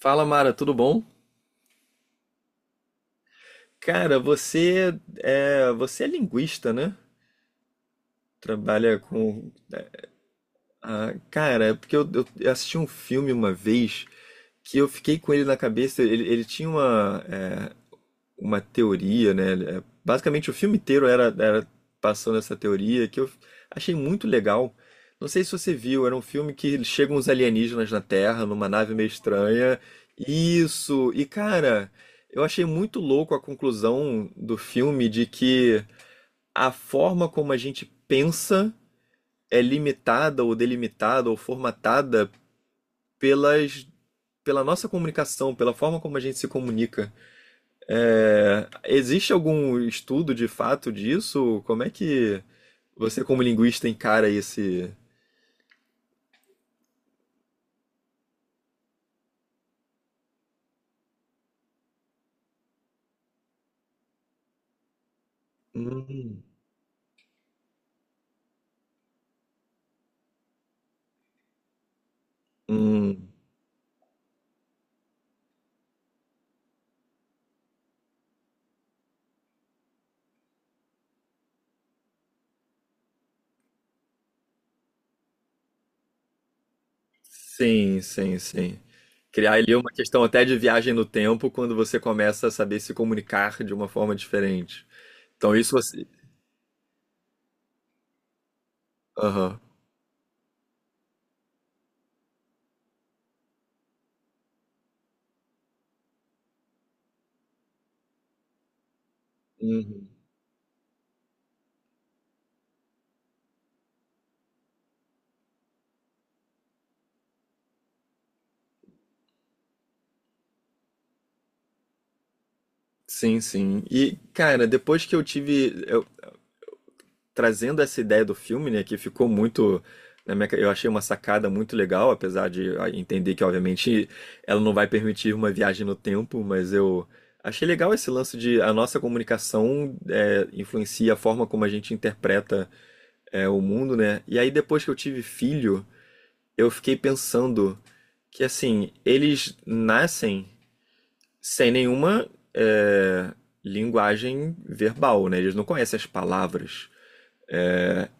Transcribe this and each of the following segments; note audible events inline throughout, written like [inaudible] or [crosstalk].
Fala, Mara, tudo bom? Cara, você é linguista, né? Trabalha com. Ah, cara, é porque eu assisti um filme uma vez que eu fiquei com ele na cabeça. Ele tinha uma teoria, né? Basicamente o filme inteiro era passando essa teoria que eu achei muito legal. Não sei se você viu, era um filme que chegam uns alienígenas na Terra, numa nave meio estranha. Isso! E cara, eu achei muito louco a conclusão do filme de que a forma como a gente pensa é limitada ou delimitada ou formatada pelas, pela nossa comunicação, pela forma como a gente se comunica. Existe algum estudo de fato disso? Como é que você, como linguista, encara esse. Hum. Hum. Sim, sim, sim. Criar ali uma questão até de viagem no tempo quando você começa a saber se comunicar de uma forma diferente. Então, isso você. Aham. Uhum. Sim, sim. E, cara, depois que eu tive. Trazendo essa ideia do filme, né, que ficou muito. Eu achei uma sacada muito legal, apesar de entender que, obviamente, ela não vai permitir uma viagem no tempo, mas eu achei legal esse lance de a nossa comunicação influencia a forma como a gente interpreta o mundo, né? E aí, depois que eu tive filho, eu fiquei pensando que, assim, eles nascem sem nenhuma linguagem verbal, né? Eles não conhecem as palavras.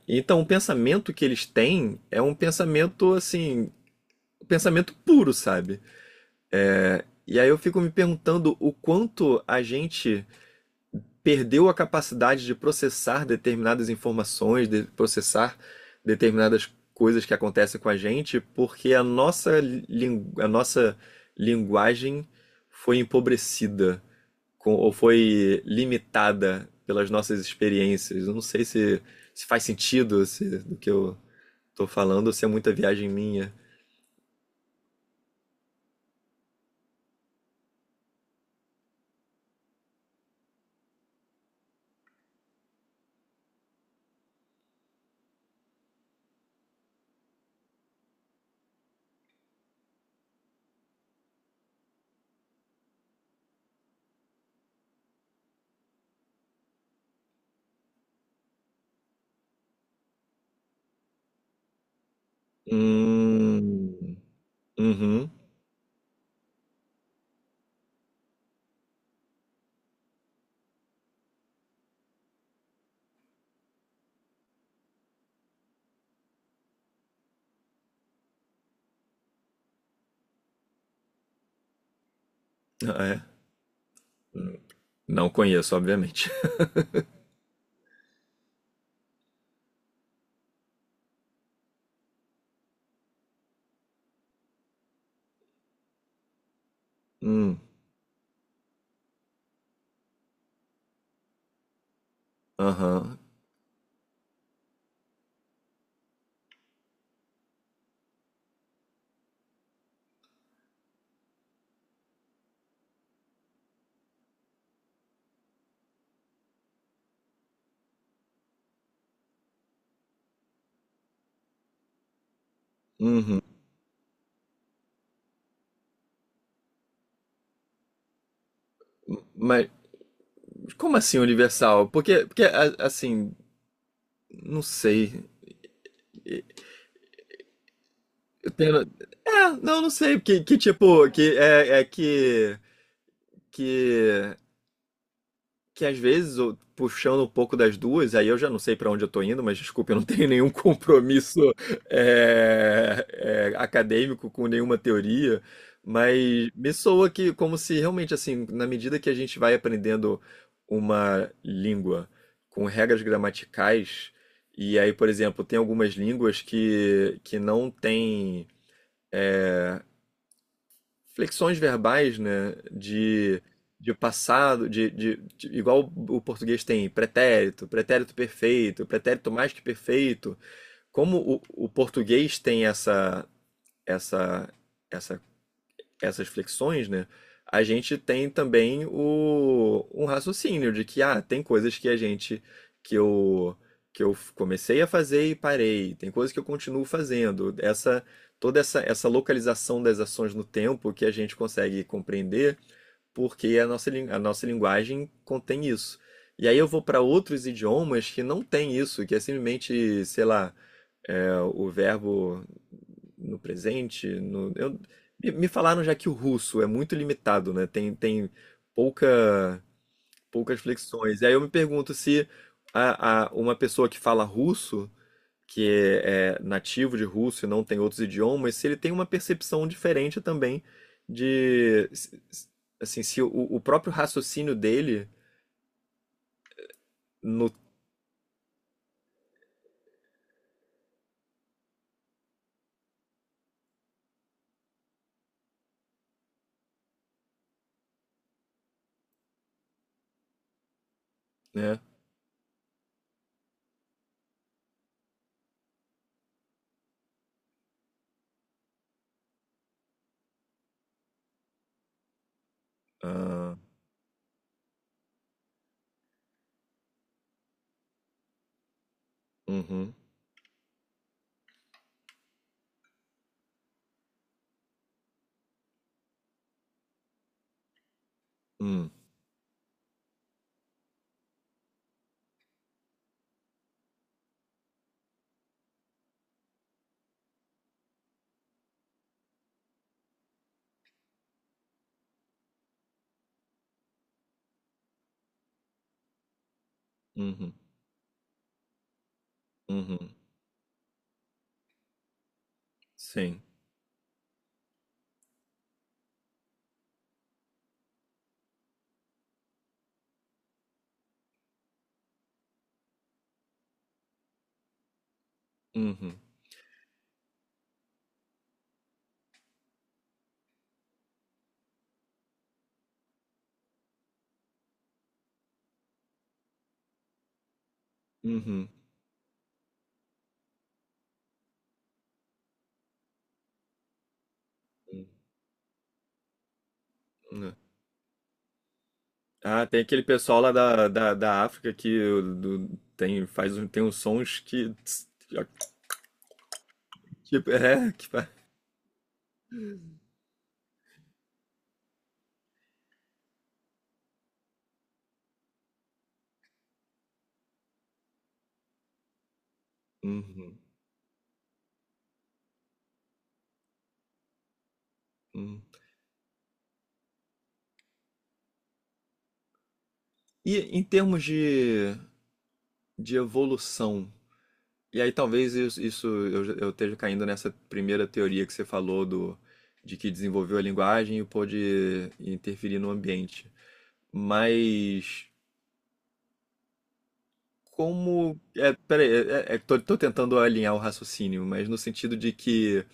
Então, o pensamento que eles têm é um pensamento assim, pensamento puro, sabe? E aí eu fico me perguntando o quanto a gente perdeu a capacidade de processar determinadas informações, de processar determinadas coisas que acontecem com a gente, porque a nossa linguagem foi empobrecida ou foi limitada pelas nossas experiências. Eu não sei se faz sentido se, do que eu tô falando, se é muita viagem minha. Hum. Uhum. Ah, é. Hum. Não conheço, obviamente. [laughs] Hum. Aham. Uhum. Mas como assim universal? Porque, assim, não sei. Eu tenho... É, não, não sei. Que tipo, que é que. Que que às vezes, puxando um pouco das duas, aí eu já não sei para onde eu tô indo, mas desculpa, eu não tenho nenhum [laughs] compromisso acadêmico com nenhuma teoria, mas me soa que como se realmente assim, na medida que a gente vai aprendendo uma língua com regras gramaticais, e aí, por exemplo, tem algumas línguas que não têm flexões verbais, né? De passado, igual o português tem pretérito, pretérito perfeito, pretérito mais que perfeito. Como o português tem essa, essa essas flexões, né? A gente tem também um raciocínio de que, tem coisas que a gente, que eu, que eu comecei a fazer e parei, tem coisas que eu continuo fazendo. Toda essa localização das ações no tempo que a gente consegue compreender, porque a nossa linguagem contém isso. E aí eu vou para outros idiomas que não tem isso, que é simplesmente, sei lá, o verbo no presente. Me falaram já que o russo é muito limitado, né? Tem pouca, poucas flexões. E aí eu me pergunto se uma pessoa que fala russo, que nativo de russo e não tem outros idiomas, se ele tem uma percepção diferente também de, se- se- assim, se o próprio raciocínio dele no, né? Ah. Uhum. Hum. Uhum. Uhum. Sim. Uhum. Uhum. Ah, tem aquele pessoal lá da África que do- tem, faz, tem uns sons que. Tipo, que fa- Uhum. Uhum. E em termos de evolução, e aí talvez isso eu esteja caindo nessa primeira teoria que você falou de que desenvolveu a linguagem e pôde interferir no ambiente. Mas como. Peraí, tô tentando alinhar o raciocínio, mas no sentido de que.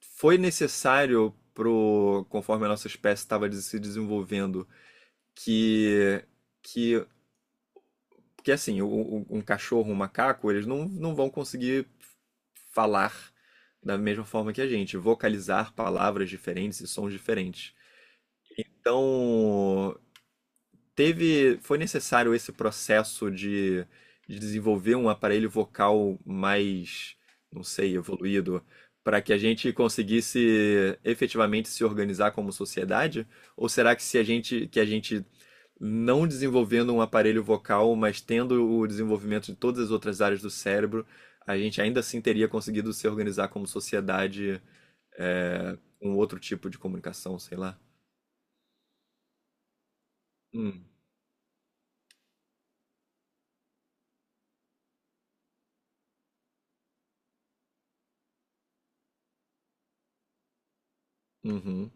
Foi necessário conforme a nossa espécie estava se desenvolvendo, que que que assim, um cachorro, um macaco, eles não vão conseguir falar da mesma forma que a gente, vocalizar palavras diferentes e sons diferentes. Então, foi necessário esse processo de desenvolver um aparelho vocal mais, não sei, evoluído, para que a gente conseguisse efetivamente se organizar como sociedade? Ou será que se a gente, que a gente não desenvolvendo um aparelho vocal, mas tendo o desenvolvimento de todas as outras áreas do cérebro, a gente ainda assim teria conseguido se organizar como sociedade com outro tipo de comunicação, sei lá. Hum. Uhum.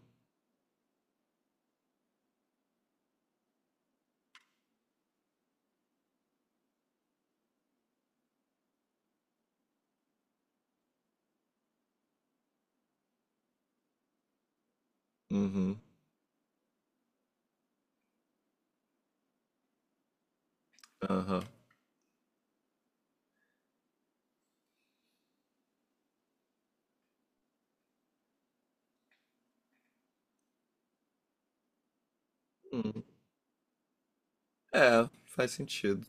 Uhum. Aham. Uhum. É, faz sentido.